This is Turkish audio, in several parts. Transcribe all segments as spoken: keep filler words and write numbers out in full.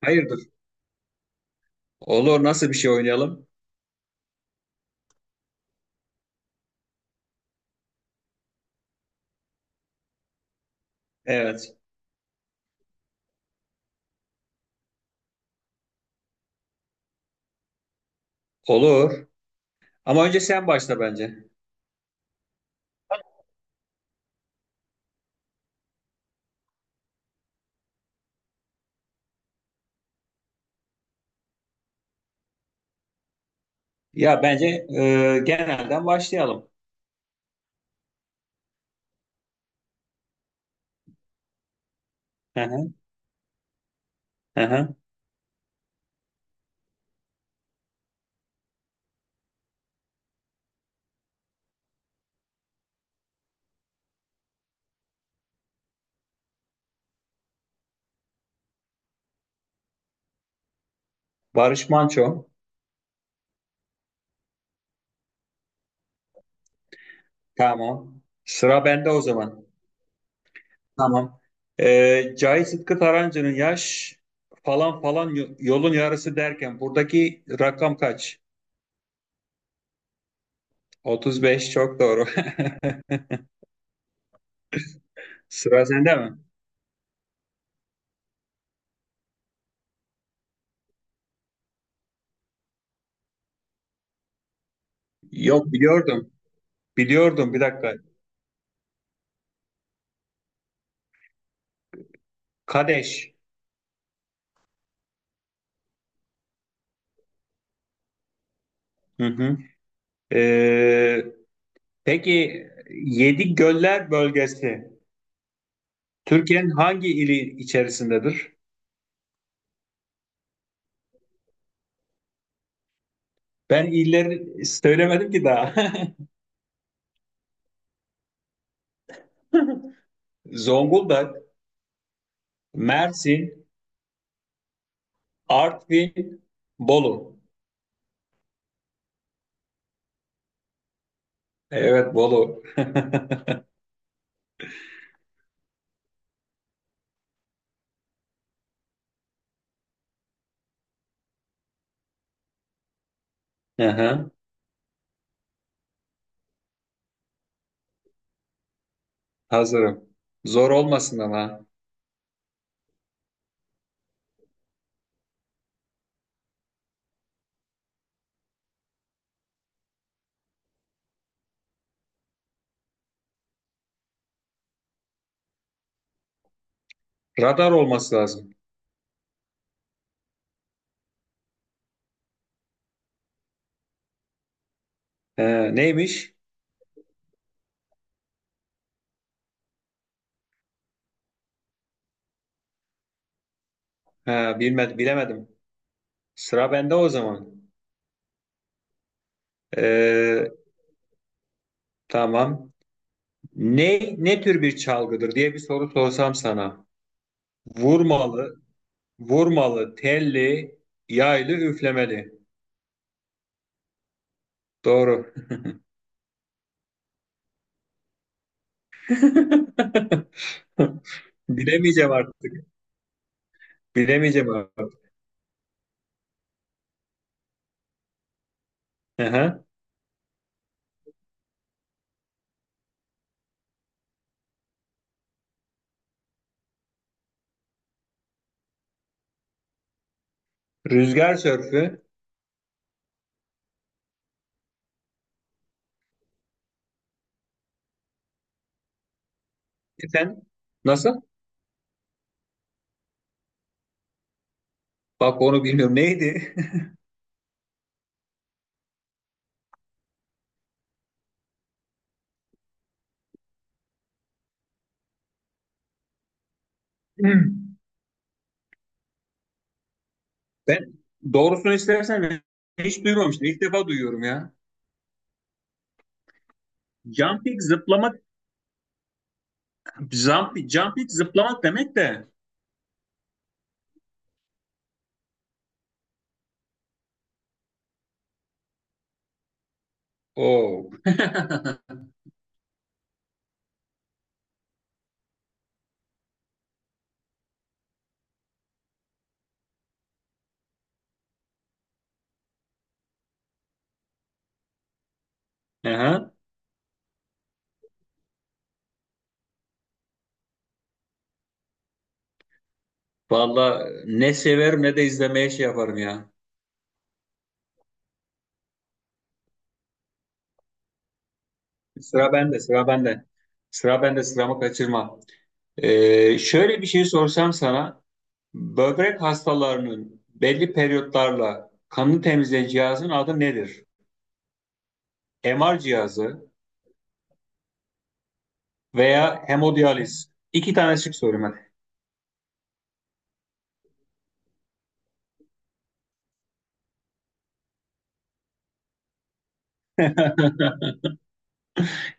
Hayırdır? Olur. Nasıl bir şey oynayalım? Evet. Olur. Ama önce sen başla bence. Ya bence e, genelden başlayalım. Hı hı, hı hı. Barış Manço. Tamam. Sıra bende o zaman. Tamam. E, Cahit Sıtkı Tarancı'nın yaş falan falan yo- yolun yarısı derken buradaki rakam kaç? otuz beş çok doğru. Sıra sende mi? Yok biliyordum. Biliyordum bir dakika. Kadeş. Hı hı. Peki Yedi Göller bölgesi Türkiye'nin hangi ili içerisindedir? Ben illeri söylemedim ki daha. Zonguldak, Mersin, Artvin, Bolu. Evet Bolu. Aha, hazırım. Zor olmasın ama. Radar olması lazım. Ee, neymiş? Ha, bilmedim, bilemedim. Sıra bende o zaman. Ee, tamam. Ne ne tür bir çalgıdır diye bir soru sorsam sana. Vurmalı, vurmalı, telli, yaylı, üflemeli. Doğru. Bilemeyeceğim artık. Bilemeyeceğim artık. Aha. Rüzgar sörfü. E sen nasıl? Bak onu bilmiyorum. Neydi? Ben doğrusunu istersen hiç duymamıştım. İlk defa duyuyorum ya. Jumping zıplamak, jump, jumping zıplamak demek de. Oo. Aha. Vallahi ne severim ne de izlemeye şey yaparım ya. Sıra bende, sıra bende. Sıra bende, sıramı kaçırma. Ee, şöyle bir şey sorsam sana, böbrek hastalarının belli periyotlarla kanını temizleyen cihazın adı nedir? M R cihazı veya hemodiyaliz. İki tane şık soruyorum hadi.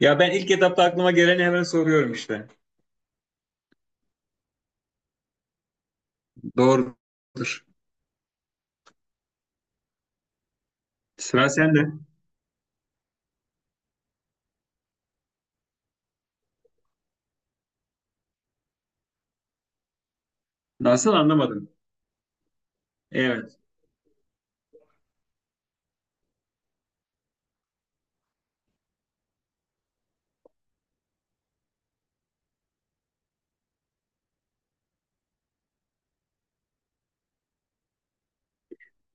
Ya ben ilk etapta aklıma geleni hemen soruyorum işte. Doğrudur. Sıra sende. Nasıl anlamadım? Evet.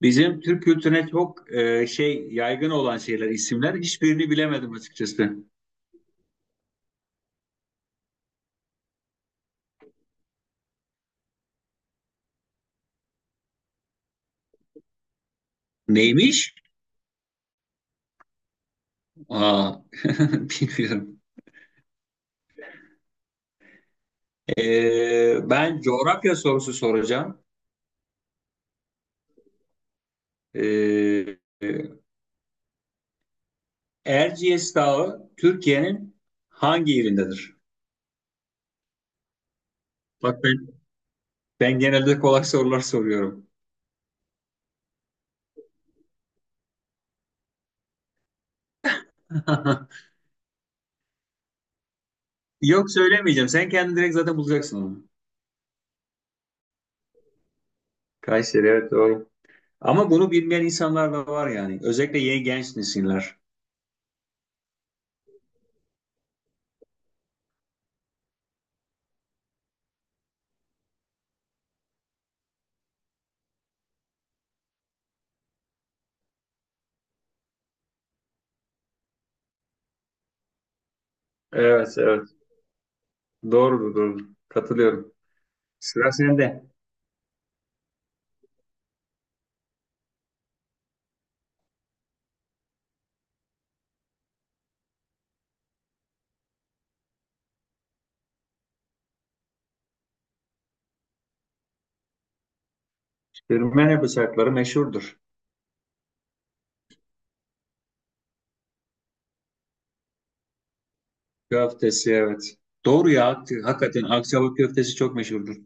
Bizim Türk kültürüne çok e, şey yaygın olan şeyler, isimler hiçbirini bilemedim açıkçası. Neymiş? Aa, bilmiyorum. Ee, ben coğrafya sorusu soracağım. Ee, Erciyes Dağı Türkiye'nin hangi yerindedir? Bak ben, ben genelde kolay sorular soruyorum. Yok söylemeyeceğim. Sen kendin direkt zaten bulacaksın onu. Kayseri evet doğru. Ama bunu bilmeyen insanlar da var yani. Özellikle yeni genç nesiller. Evet evet. Doğrudur doğru. Katılıyorum. Sıra sende. Sürmene bıçakları meşhurdur. Köftesi evet. Doğru ya. hak- Hakikaten Akçabat köftesi çok meşhurdur.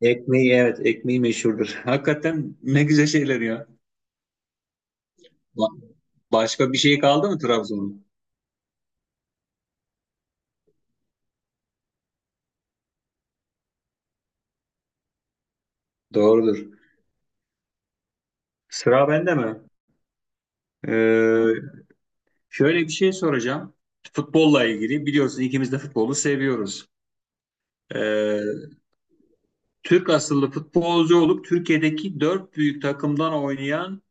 Ekmeği evet ekmeği meşhurdur. Hakikaten ne güzel şeyler ya. Ba- başka bir şey kaldı mı Trabzon'un? Doğrudur. Sıra bende mi? Ee, şöyle bir şey soracağım. Futbolla ilgili biliyorsun ikimiz de futbolu seviyoruz. Ee, Türk asıllı futbolcu olup Türkiye'deki dört büyük takımdan oynayan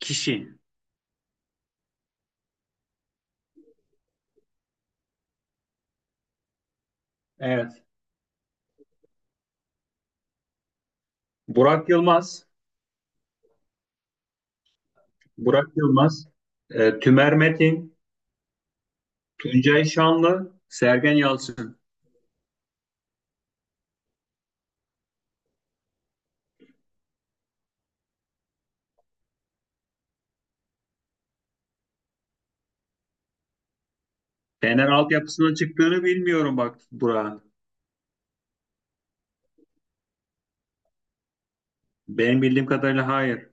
kişi. Evet. Burak Yılmaz, Burak Yılmaz, e, Tümer Metin, Tuncay Şanlı, Sergen Yalçın. Fener altyapısına çıktığını bilmiyorum bak Burak'ın. Benim bildiğim kadarıyla hayır.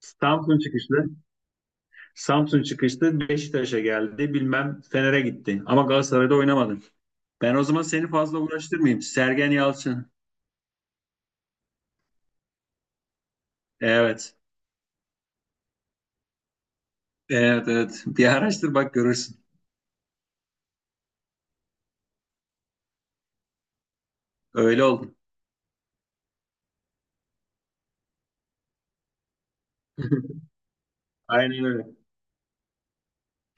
Samsun çıkışlı. Samsun çıkışlı Beşiktaş'a geldi. Bilmem Fener'e gitti. Ama Galatasaray'da oynamadı. Ben o zaman seni fazla uğraştırmayayım. Sergen Yalçın. Evet. Evet evet. Bir araştır bak görürsün. Öyle oldu. Aynen öyle.